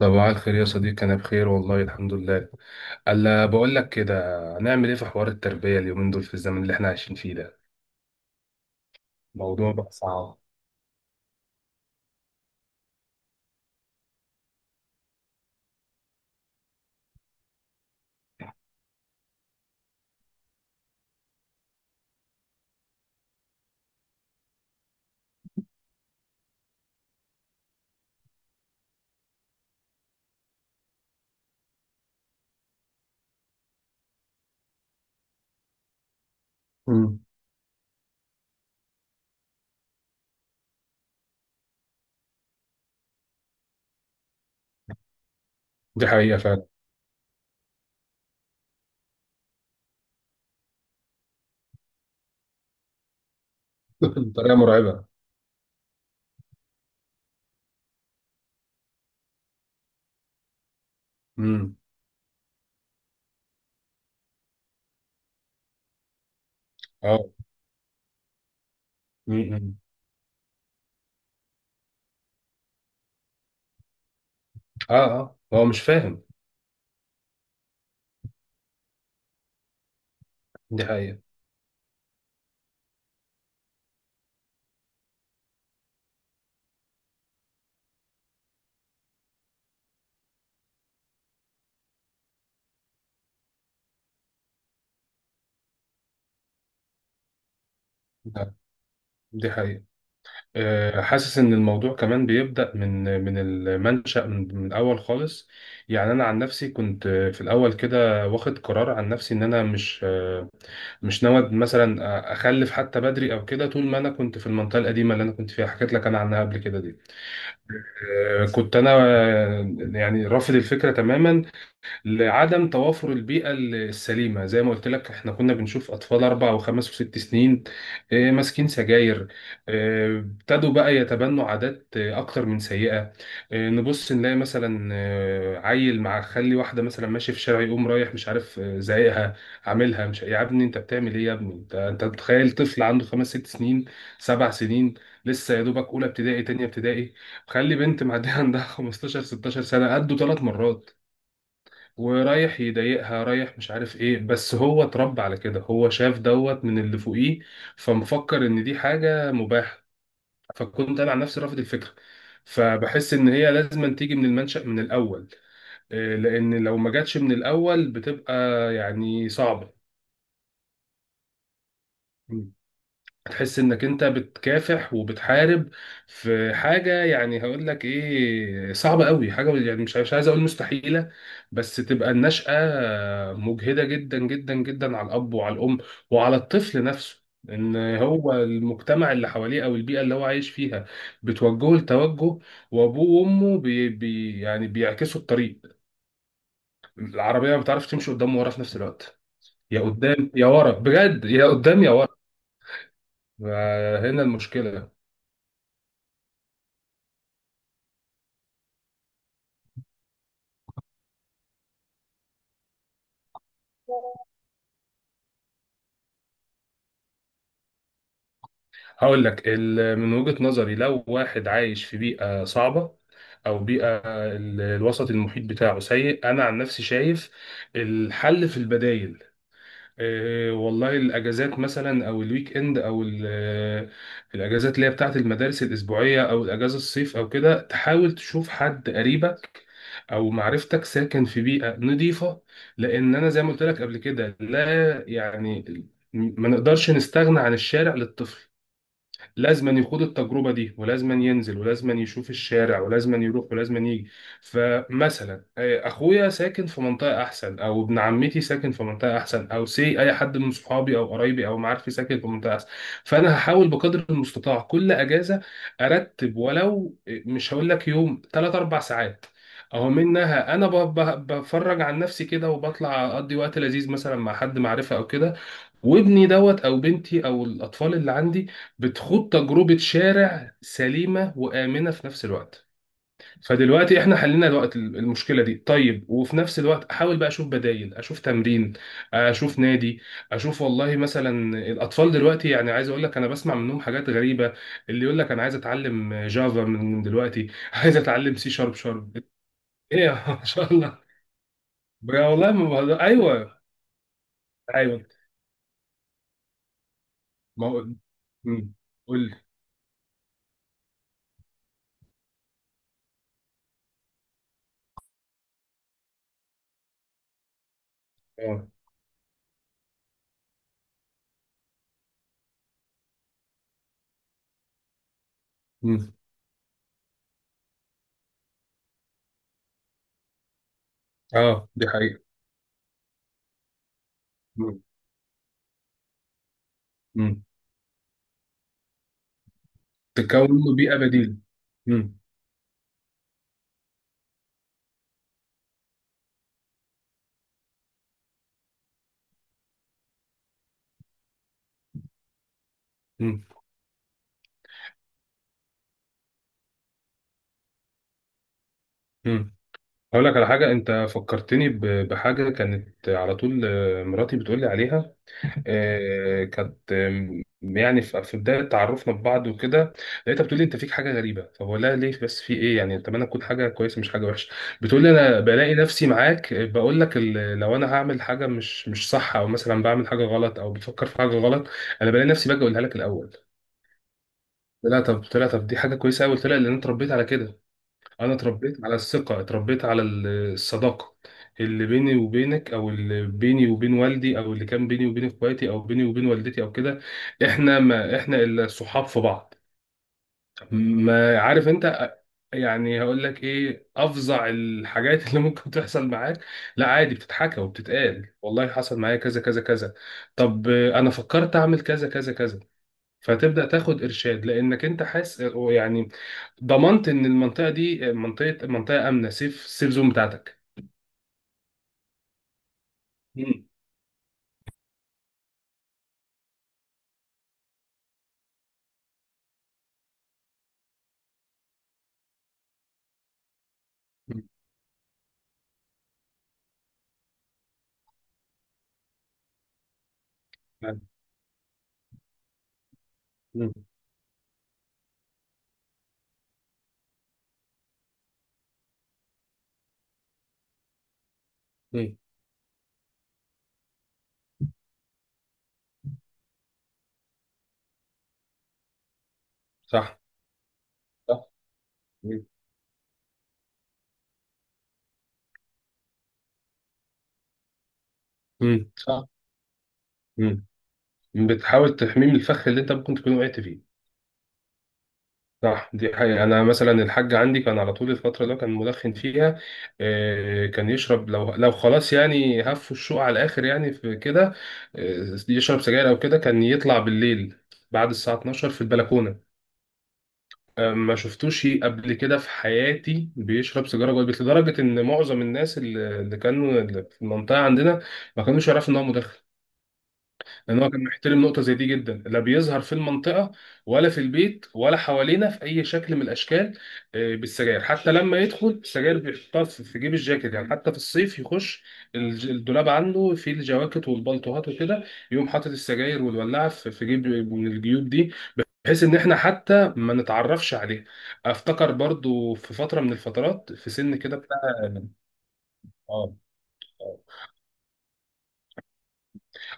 صباح الخير يا صديقي، أنا بخير والله الحمد لله. ألا بقول لك كده، هنعمل إيه في حوار التربية اليومين دول في الزمن اللي إحنا عايشين فيه ده؟ موضوع بقى صعب. امم دي حقيقة فعلا. بطريقة مرعبة. امم اه. امم اه، اه هو مش فاهم. دي حقيقة. آه، دي حقيقة. حاسس إن الموضوع كمان بيبدأ من المنشأ، من الأول خالص. يعني أنا عن نفسي كنت، في الأول كده واخد قرار عن نفسي إن أنا مش ناوي مثلا اخلف حتى بدري او كده، طول ما انا كنت في المنطقه القديمه اللي انا كنت فيها، حكيت لك انا عنها قبل كده دي. كنت انا، يعني رافض الفكره تماما، لعدم توافر البيئة السليمة. زي ما قلت لك، احنا كنا بنشوف أطفال 4 و5 و6 سنين، ماسكين سجاير. ابتدوا بقى يتبنوا عادات، أكتر من سيئة. نبص نلاقي مثلا، عيل مع خلي واحدة مثلا ماشي في الشارع، يقوم رايح مش عارف، زايقها، عاملها مش، يا ابني أنت بتعمل إيه؟ يا ابني أنت، أنت متخيل طفل عنده 5 6 سنين، 7 سنين، لسه يا دوبك أولى ابتدائي تانية ابتدائي، خلي بنت معدية عندها 15 16 سنة قدوا 3 مرات، ورايح يضايقها، رايح مش عارف ايه. بس هو اتربى على كده، هو شاف دوت من اللي فوقيه، فمفكر ان دي حاجة مباحة. فكنت انا عن نفسي رافض الفكرة. فبحس ان هي لازم تيجي من المنشأ من الاول. إيه، لان لو ما جاتش من الاول بتبقى يعني صعبة. هتحس انك انت بتكافح وبتحارب في حاجه. يعني هقول لك ايه، صعبه قوي حاجه، يعني مش عايز اقول مستحيله، بس تبقى النشأة مجهده جدا جدا جدا على الاب وعلى الام وعلى الطفل نفسه. ان هو المجتمع اللي حواليه او البيئه اللي هو عايش فيها بتوجهه لتوجه، وابوه وامه بي بي يعني بيعكسوا الطريق. العربيه ما بتعرفش تمشي قدام ورا في نفس الوقت، يا قدام يا ورا، بجد يا قدام يا ورا. هنا المشكله. هقول لك، من وجهة نظري لو واحد عايش في بيئة صعبة، او بيئة الوسط المحيط بتاعه سيء، انا عن نفسي شايف الحل في البدايل. إيه والله، الاجازات مثلا او الويك اند او الاجازات اللي هي بتاعت المدارس الاسبوعية، او الاجازة الصيف او كده، تحاول تشوف حد قريبك او معرفتك ساكن في بيئة نظيفة. لان انا زي ما قلت لك قبل كده، لا يعني ما نقدرش نستغنى عن الشارع للطفل. لازما يخوض التجربة دي، ولازما ينزل، ولازما يشوف الشارع، ولازما يروح ولازما يجي. فمثلا، أخويا ساكن في منطقة أحسن، أو ابن عمتي ساكن في منطقة أحسن، أو سي أي حد من صحابي أو قرايبي أو معارفي ساكن في منطقة أحسن. فأنا هحاول بقدر المستطاع كل أجازة أرتب، ولو مش هقول لك يوم، 3 4 ساعات. اهو منها انا بفرج عن نفسي كده، وبطلع اقضي وقت لذيذ مثلا مع حد معرفه او كده، وابني دوت او بنتي او الاطفال اللي عندي بتخوض تجربه شارع سليمه وامنه في نفس الوقت. فدلوقتي احنا حلينا الوقت المشكله دي، طيب وفي نفس الوقت احاول بقى اشوف بدايل، اشوف تمرين، اشوف نادي. اشوف والله، مثلا الاطفال دلوقتي يعني عايز اقول لك، انا بسمع منهم حاجات غريبه، اللي يقول لك انا عايز اتعلم جافا من دلوقتي عايز اتعلم سي شارب. ايه يا ما شاء الله. بقى والله ما بهزر. ايوه. ايوه. ما هو، مم، قول لي. اه، اه دي حقيقة. مم. مم. تتكون منه بيئة بديلة. مم. مم. مم. هقول لك على حاجة، أنت فكرتني بحاجة كانت على طول. مراتي بتقول لي عليها. كانت، يعني في بداية تعرفنا ببعض وكده، لقيتها بتقول لي، أنت فيك حاجة غريبة. فبقول لها ليه بس، في إيه يعني؟ أتمنى تكون حاجة كويسة مش حاجة وحشة. بتقول لي، أنا بلاقي نفسي معاك، بقول لك لو أنا هعمل حاجة مش صح، أو مثلا بعمل حاجة غلط أو بفكر في حاجة غلط، أنا بلاقي نفسي باجي أقولها لك الأول. لا طب طلع، طب دي حاجه كويسه قوي. طلع لان انا اتربيت على كده، انا اتربيت على الثقه، اتربيت على الصداقه، اللي بيني وبينك، او اللي بيني وبين والدي، او اللي كان بيني وبين اخواتي، او بيني وبين والدتي او كده. احنا ما احنا الا صحاب في بعض. ما عارف انت، يعني هقول لك ايه، افظع الحاجات اللي ممكن تحصل معاك، لا عادي، بتتحكى وبتتقال. والله حصل معايا كذا كذا كذا، طب انا فكرت اعمل كذا كذا كذا. فتبدأ تاخد إرشاد، لأنك أنت حاسس يعني ضمنت إن المنطقة دي منطقة آمنة، سيف سيف زون بتاعتك. مم. مم. مم. صح. صح. مم. مم. صح. مم. بتحاول تحميه من الفخ اللي أنت ممكن تكون وقعت فيه. صح دي حقيقة. أنا مثلا الحاج عندي كان على طول، الفترة اللي هو كان مدخن فيها، كان يشرب، لو خلاص يعني، هفوا الشوق على الآخر يعني، في كده يشرب سجاير أو كده، كان يطلع بالليل بعد الساعة 12 في البلكونة. ما شفتوش قبل كده في حياتي بيشرب سيجاره جوه البيت، لدرجه ان معظم الناس اللي كانوا اللي في المنطقه عندنا، ما كانوش يعرفوا ان هو مدخن. لان هو كان محترم نقطه زي دي جدا، لا بيظهر في المنطقه، ولا في البيت، ولا حوالينا في اي شكل من الاشكال. بالسجاير حتى، لما يدخل السجاير بيحطها في جيب الجاكيت، يعني حتى في الصيف يخش الدولاب عنده، فيه الجواكت والبلطوهات وكده، يقوم حاطط السجاير والولاعه في جيب من الجيوب دي، بحيث ان احنا حتى ما نتعرفش عليه. افتكر برضو في فتره من الفترات في سن كده بتاع، اه، آه.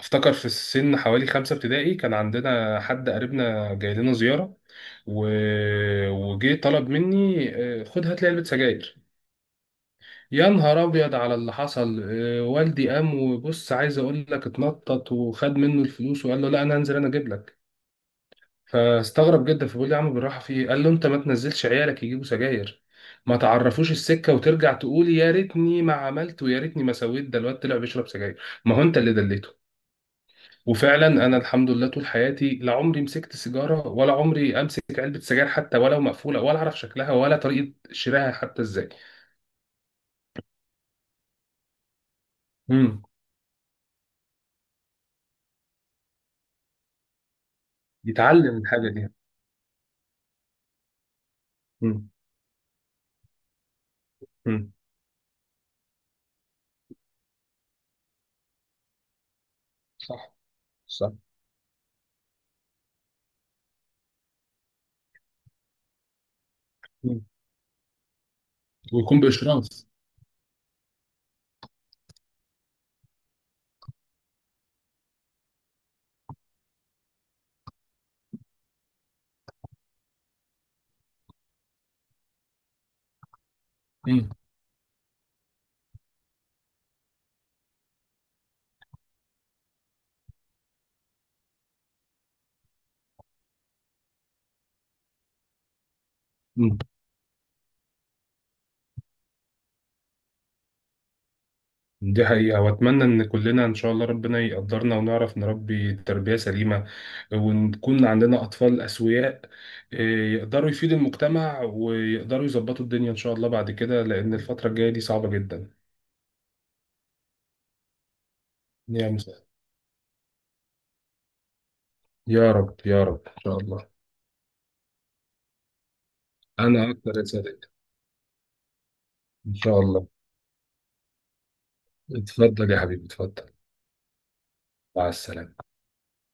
افتكر في السن حوالي 5 ابتدائي، كان عندنا حد قريبنا جاي لنا زياره، و... وجه طلب مني، خد هات لي علبه سجاير. يا نهار ابيض على اللي حصل، والدي قام وبص، عايز اقول لك اتنطط، وخد منه الفلوس وقال له، لا انا هنزل انا اجيب لك. فاستغرب جدا، فبيقول لي يا عم بالراحه في ايه؟ قال له، انت ما تنزلش عيالك يجيبوا سجاير، ما تعرفوش السكه، وترجع تقولي يا ريتني ما عملت ويا ريتني ما سويت، ده الواد طلع بيشرب سجاير، ما هو انت اللي دليته. وفعلا انا الحمد لله طول حياتي، لا عمري مسكت سيجاره، ولا عمري امسك علبه سجاير حتى ولو مقفوله، ولا اعرف شكلها ولا طريقه شرائها حتى ازاي. امم. يتعلم الحاجه دي. امم. امم. صح. صح. مم. ويكون باشراف. امم دي حقيقة. وأتمنى إن كلنا إن شاء الله ربنا يقدرنا ونعرف نربي تربية سليمة، ونكون عندنا أطفال أسوياء، إيه، يقدروا يفيدوا المجتمع ويقدروا يظبطوا الدنيا إن شاء الله بعد كده، لأن الفترة الجاية دي صعبة جدا. يا مساء. يا رب يا رب إن شاء الله. أنا أكتر يا صديقي. إن شاء الله. اتفضل يا حبيبي اتفضل. مع السلامة.